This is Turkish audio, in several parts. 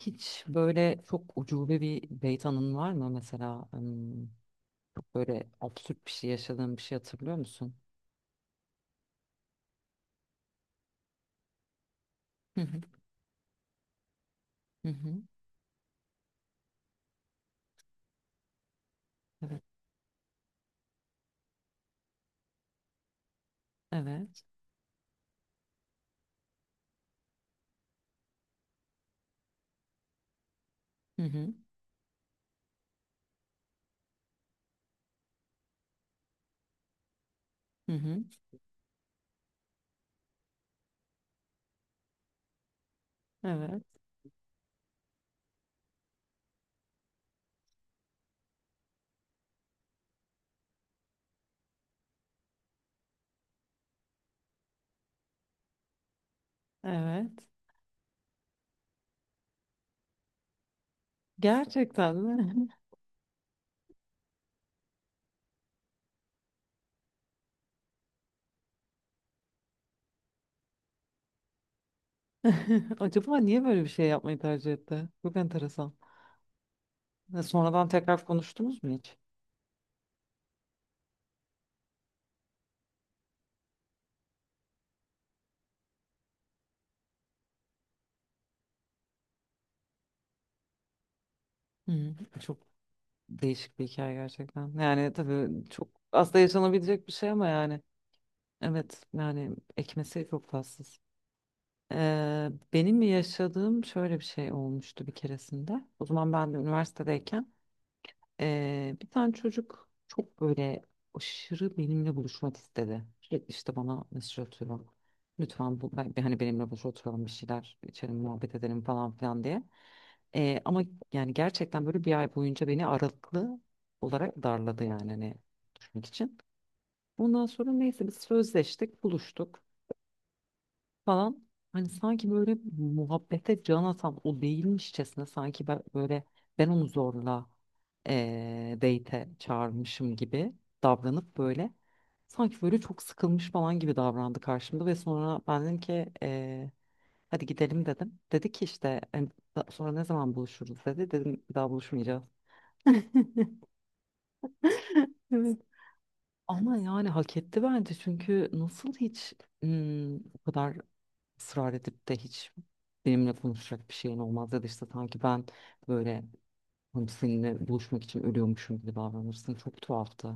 Hiç böyle çok ucube bir beyt anın var mı mesela? Çok böyle absürt bir şey yaşadığın bir şey hatırlıyor musun? Hı hı. Hı hı. Evet. Evet. Hı hı. Hı hı. Evet. Evet. Gerçekten mi? Acaba niye böyle bir şey yapmayı tercih etti? Çok enteresan. Ve sonradan tekrar konuştunuz mu hiç? Hı. Çok değişik bir hikaye gerçekten. Yani tabii çok aslında yaşanabilecek bir şey ama yani. Evet yani ekmesi çok tatsız. Benim yaşadığım şöyle bir şey olmuştu bir keresinde. O zaman ben de üniversitedeyken bir tane çocuk çok böyle aşırı benimle buluşmak istedi. Sürekli işte bana mesaj atıyor. Lütfen bu, hani benimle buluş oturalım bir şeyler içelim muhabbet edelim falan filan diye. Ama yani gerçekten böyle bir ay boyunca beni aralıklı olarak darladı yani hani düşmek için. Ondan sonra neyse biz sözleştik buluştuk falan hani sanki böyle muhabbete can atan o değilmişçesine sanki ben böyle ben onu zorla date'e çağırmışım gibi davranıp böyle sanki böyle çok sıkılmış falan gibi davrandı karşımda ve sonra ben dedim ki hadi gidelim dedim. Dedi ki işte hani, Sonra ne zaman buluşuruz" dedi. Dedim bir daha buluşmayacağız. Evet. Ama yani hak etti bence çünkü nasıl hiç bu kadar ısrar edip de hiç benimle konuşacak bir şeyin olmaz ya da işte sanki ben böyle hani seninle buluşmak için ölüyormuşum gibi davranırsın. Çok tuhaftı.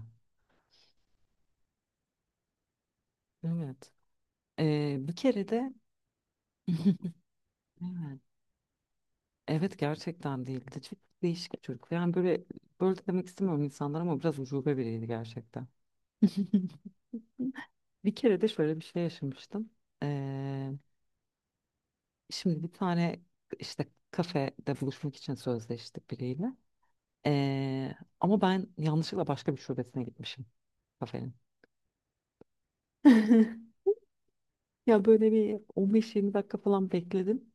Evet. Bir kere de evet. Evet gerçekten değildi. Çok değişik bir çocuk. Yani böyle böyle de demek istemiyorum insanlar ama biraz ucube biriydi gerçekten. Bir kere de şöyle bir şey yaşamıştım. Şimdi bir tane işte kafede buluşmak için sözleştik biriyle. Ee, ama ben yanlışlıkla başka bir şubesine gitmişim kafenin. Ya böyle bir 15-20 dakika falan bekledim.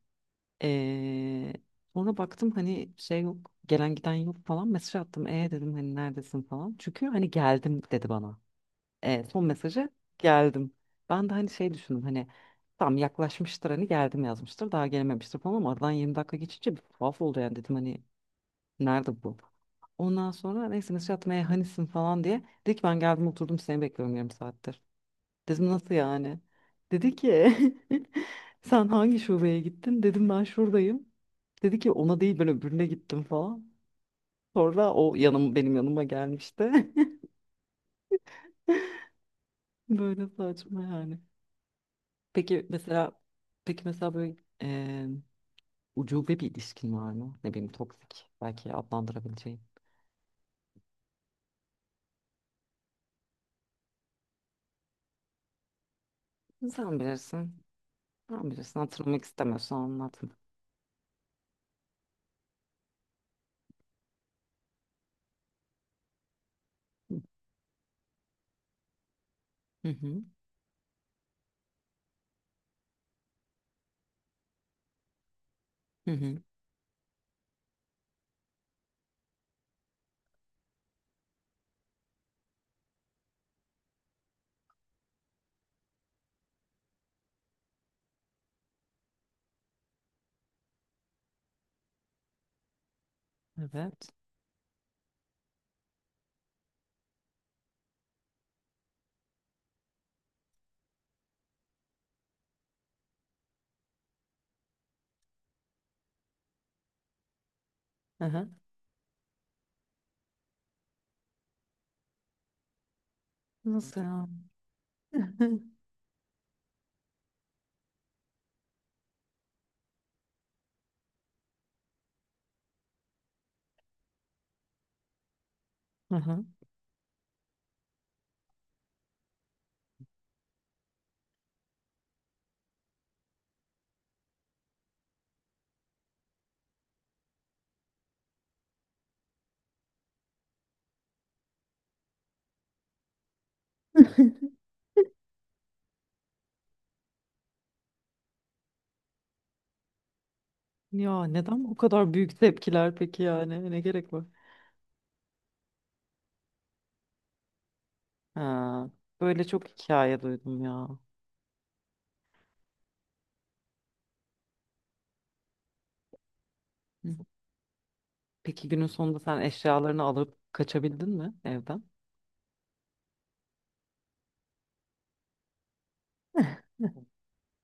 Ee, Sonra baktım hani şey yok, gelen giden yok falan. Mesaj attım. E dedim hani neredesin falan. Çünkü hani geldim dedi bana. Son mesajı geldim. Ben de hani şey düşündüm hani tam yaklaşmıştır hani geldim yazmıştır daha gelememiştir falan ama aradan 20 dakika geçince bir tuhaf oldu yani dedim hani nerede bu? Ondan sonra neyse mesaj at meyhanesin falan diye. Dedi ki ben geldim oturdum seni bekliyorum yarım saattir. Dedim nasıl yani? Dedi ki sen hangi şubeye gittin? Dedim ben şuradayım. Dedi ki ona değil ben öbürüne gittim falan. Sonra o yanım benim yanıma gelmişti. Böyle saçma yani. Peki mesela peki mesela böyle eee ucube bir ilişkin var mı? Ne bileyim toksik belki adlandırabileceğin. Sen bilirsin. Sen bilirsin hatırlamak istemiyorsan anlatma. Hı hı. Hı hı. Evet. Aha. Nasıl ya? Aha. Ya neden bu kadar büyük tepkiler peki yani? Ne gerek var? Ha, böyle çok hikaye duydum ya. Hı. Peki günün sonunda sen eşyalarını alıp kaçabildin mi evden?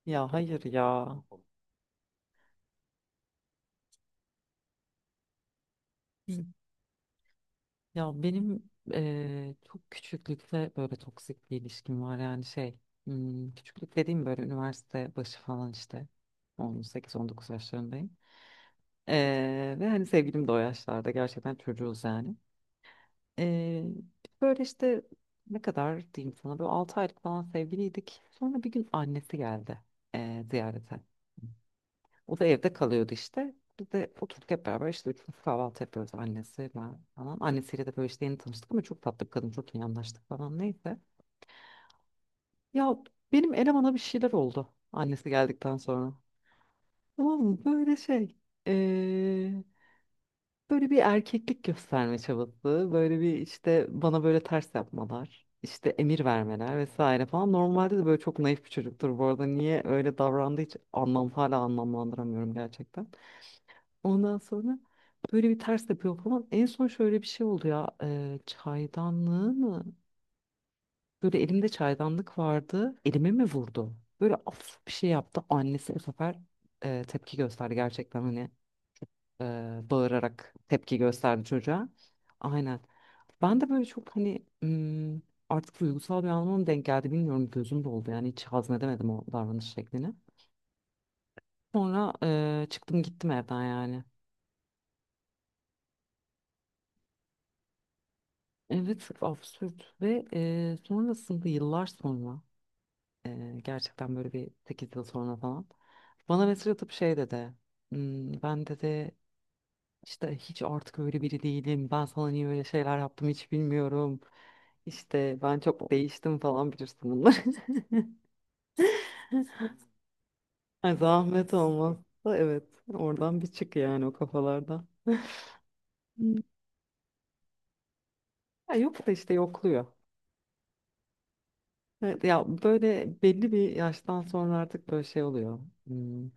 Ya hayır ya. Hı. Ya benim çok küçüklükte böyle toksik bir ilişkim var yani şey. Küçüklük dediğim böyle üniversite başı falan işte. 18-19 yaşlarındayım. Ve hani sevgilim de o yaşlarda gerçekten çocuğuz yani. Ee, Böyle işte ne kadar diyeyim sana böyle 6 aylık falan sevgiliydik. Sonra bir gün annesi geldi ziyarete. O da evde kalıyordu işte. Biz de oturduk hep beraber işte üçümüz kahvaltı yapıyoruz annesi ben falan. Annesiyle de böyle işte yeni tanıştık ama çok tatlı bir kadın çok iyi anlaştık falan neyse. Ya benim elemana bir şeyler oldu annesi geldikten sonra. Tamam mı? Böyle şey. ee, Böyle bir erkeklik gösterme çabası, böyle bir işte bana böyle ters yapmalar, işte emir vermeler vesaire falan. Normalde de böyle çok naif bir çocuktur bu arada. Niye öyle davrandığı hiç hala anlamlandıramıyorum gerçekten. Ondan sonra böyle bir ters yapıyor falan. En son şöyle bir şey oldu ya, e, çaydanlığı mı? Böyle elimde çaydanlık vardı, elime mi vurdu? Böyle af bir şey yaptı. Annesi bu sefer e, tepki gösterdi gerçekten hani e, bağırarak tepki gösterdi çocuğa. Aynen. Ben de böyle çok hani artık duygusal bir anlamda mı denk geldi bilmiyorum gözüm doldu yani hiç hazmedemedim o davranış şeklini. Sonra çıktım gittim evden yani. Evet çok absürt ve sonrasında yıllar sonra gerçekten böyle bir 8 yıl sonra falan bana mesaj atıp şey dedi. Ben" dedi "işte hiç artık öyle biri değilim ben sana niye öyle şeyler yaptım hiç bilmiyorum. İşte ben çok değiştim" falan bilirsin bunları. Ay, zahmet olmazsa evet oradan bir çık yani o kafalardan. Hmm. Ya yok da işte yokluyor. Evet, ya böyle belli bir yaştan sonra artık böyle şey oluyor. Hmm,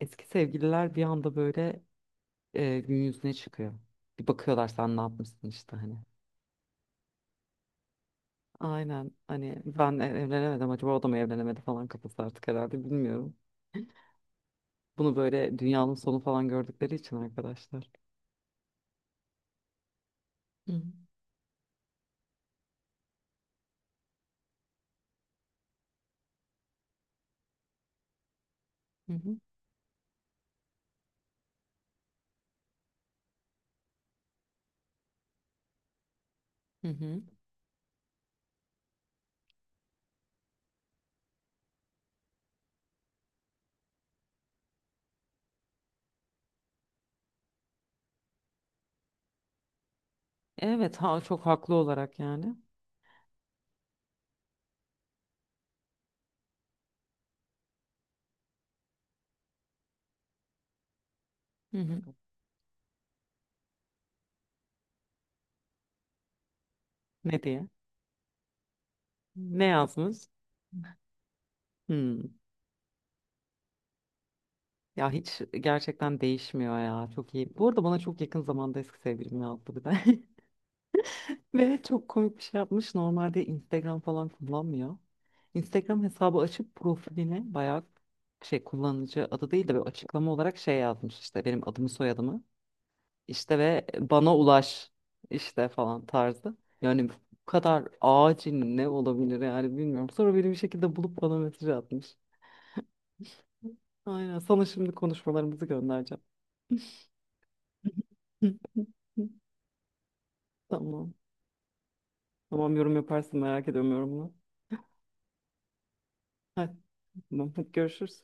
Eski sevgililer bir anda böyle gün yüzüne çıkıyor. Bir bakıyorlar sen ne yapmışsın işte hani. Aynen hani ben evlenemedim acaba o da mı evlenemedi falan kafası artık herhalde bilmiyorum. Bunu böyle dünyanın sonu falan gördükleri için arkadaşlar. Hı hı. Hı hı. Hı hı. Evet ha çok haklı olarak yani. Hı hı. Ne diye? Ne yazmış? Hmm. Ya hiç gerçekten değişmiyor ya. Çok iyi. Bu arada bana çok yakın zamanda eski sevgilim yazdı bir de. Ve çok komik bir şey yapmış. Normalde Instagram falan kullanmıyor. Instagram hesabı açıp profiline bayağı şey kullanıcı adı değil de böyle açıklama olarak şey yazmış işte benim adımı soyadımı işte ve bana ulaş işte falan tarzı. Yani bu kadar acil ne olabilir yani bilmiyorum. Sonra beni bir şekilde bulup bana mesaj atmış. Aynen. Sana şimdi konuşmalarımızı göndereceğim. Tamam. Tamam yorum yaparsın merak ediyorum yorumunu. Hadi. Tamam. Hadi görüşürüz.